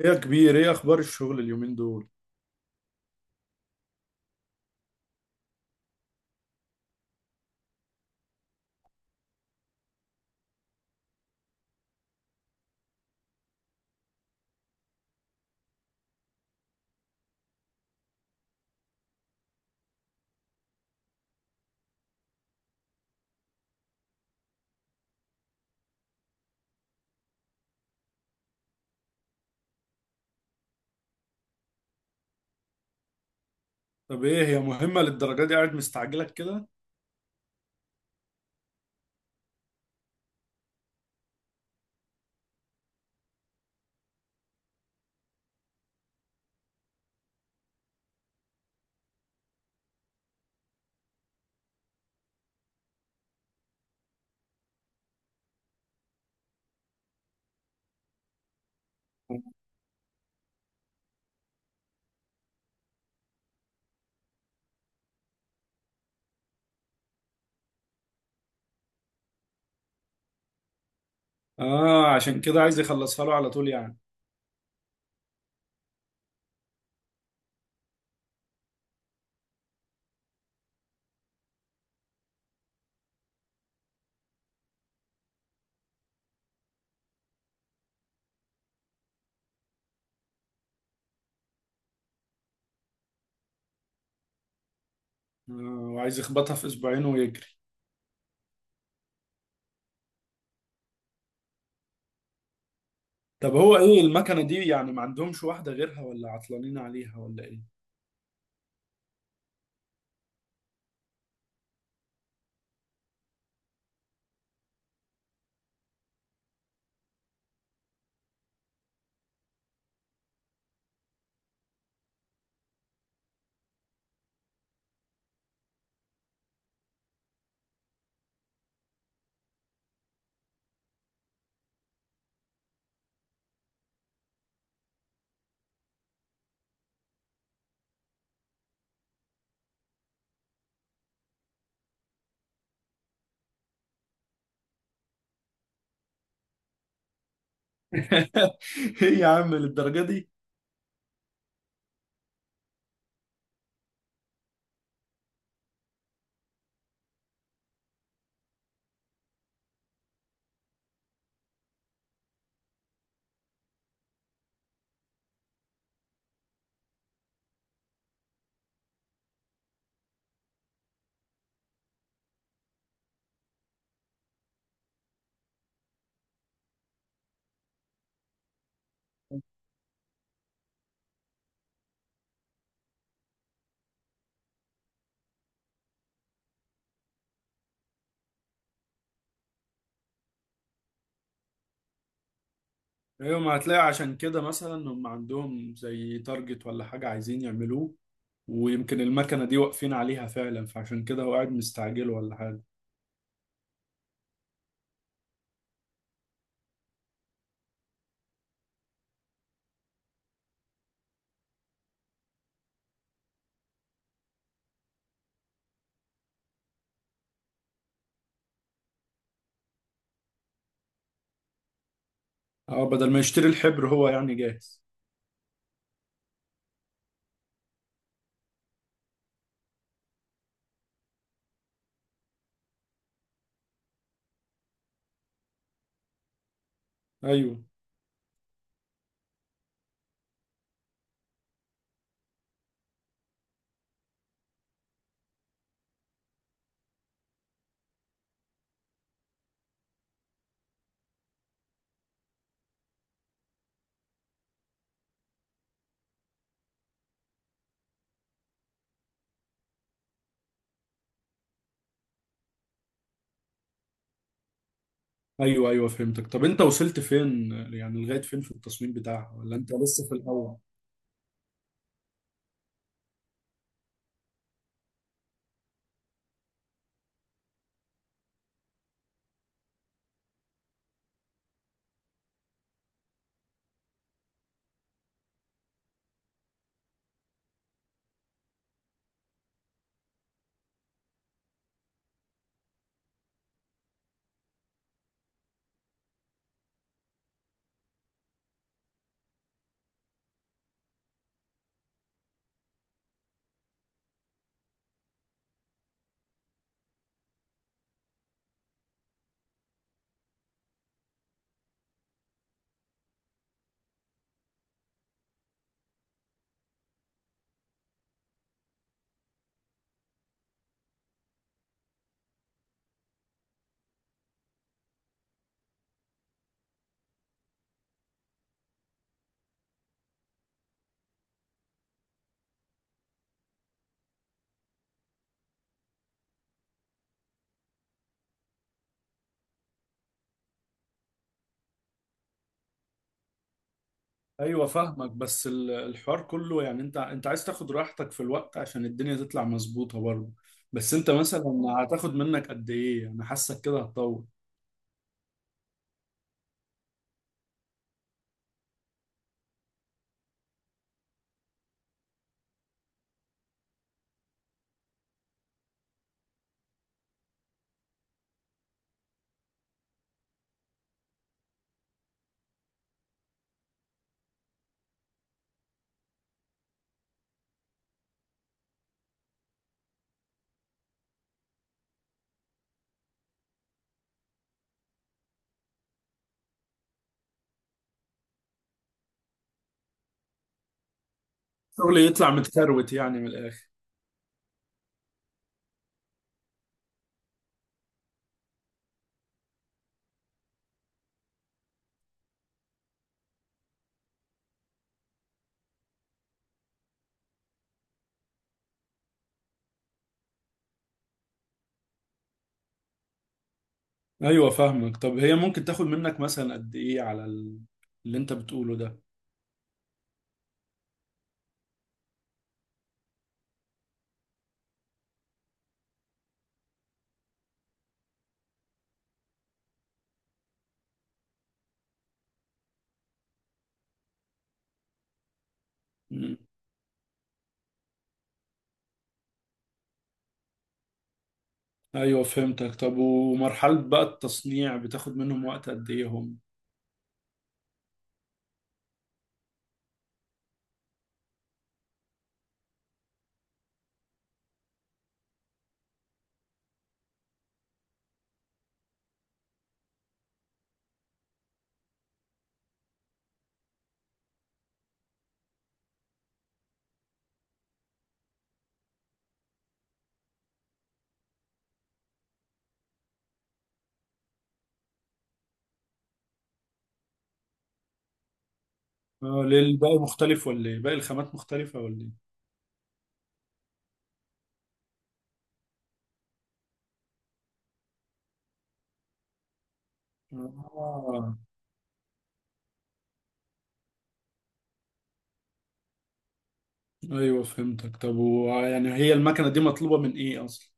ايه يا كبير، ايه اخبار الشغل اليومين دول؟ طب ايه هي مهمة للدرجة دي قاعد مستعجلك كده؟ اه، عشان كده عايز يخلصها له على طول يعني. آه، وعايز يخبطها في اسبوعين ويجري. طب هو ايه المكنة دي يعني؟ ما عندهمش واحدة غيرها ولا عطلانين عليها ولا ايه؟ ايه يا عم للدرجة دي؟ ايوه، ما هتلاقي عشان كده مثلا هم عندهم زي تارجت ولا حاجة عايزين يعملوه. ويمكن المكنة دي واقفين عليها فعلا، فعشان كده هو قاعد مستعجل ولا حاجة؟ اه، بدل ما يشتري الحبر هو يعني جاهز. ايوه ايوه ايوه، فهمتك. طب انت وصلت فين يعني، لغايه فين في التصميم بتاعها، ولا انت لسه في الاول؟ ايوه فاهمك، بس الحوار كله يعني، انت عايز تاخد راحتك في الوقت عشان الدنيا تطلع مظبوطه برضه. بس انت مثلا هتاخد منك قد ايه؟ انا حاسك كده هتطول. الشغل يطلع متكروت يعني من الاخر. ايوه فاهمك. طب هي ممكن تاخد منك مثلا قد ايه على اللي انت بتقوله ده؟ مم. ايوه فهمتك. طب ومرحله بقى التصنيع بتاخد منهم وقت قد ايه هم؟ اه ليه الباقي مختلف ولا ايه؟ باقي الخامات مختلفة ولا ايه؟ اه، ايوه فهمتك. طب ويعني هي المكنة دي مطلوبة من ايه اصلا؟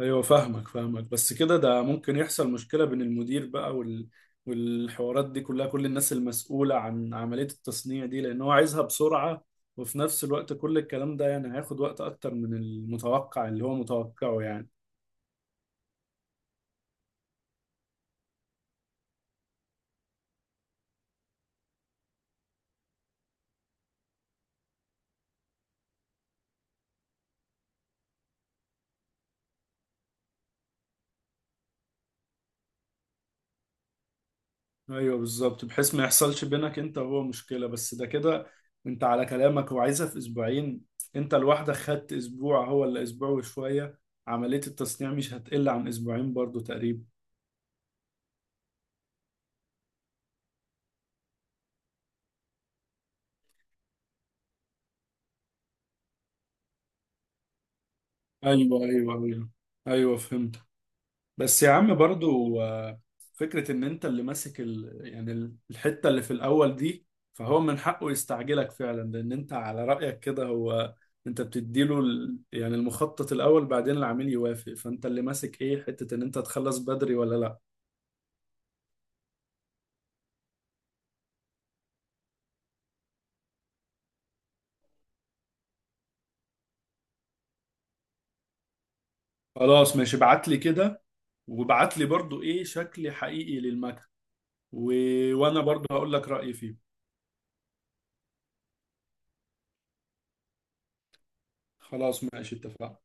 ايوه فاهمك فاهمك. بس كده ده ممكن يحصل مشكلة بين المدير بقى وال... والحوارات دي كلها، كل الناس المسؤولة عن عملية التصنيع دي، لان هو عايزها بسرعة. وفي نفس الوقت كل الكلام ده يعني هياخد وقت اكتر من المتوقع اللي هو متوقعه يعني. ايوه بالظبط، بحيث ما يحصلش بينك انت وهو مشكله. بس ده كده انت على كلامك هو عايزها في اسبوعين. انت لوحدك خدت اسبوع، هو اللي اسبوع وشويه. عمليه التصنيع مش هتقل عن اسبوعين برضو تقريبا. ايوه ايوه ايوه. ايوه فهمت. بس يا عم برضو فكرة ان انت اللي ماسك ال... يعني الحتة اللي في الاول دي، فهو من حقه يستعجلك فعلا. لان انت على رأيك كده، هو انت بتديله ال... يعني المخطط الاول بعدين العميل يوافق، فانت اللي ماسك ايه حتة ان انت تخلص بدري ولا لا. خلاص ماشي، ابعت لي كده. وابعت لي برضو ايه شكل حقيقي للمكن و... وانا برضو هقول لك رأيي فيه. خلاص ماشي اتفقنا.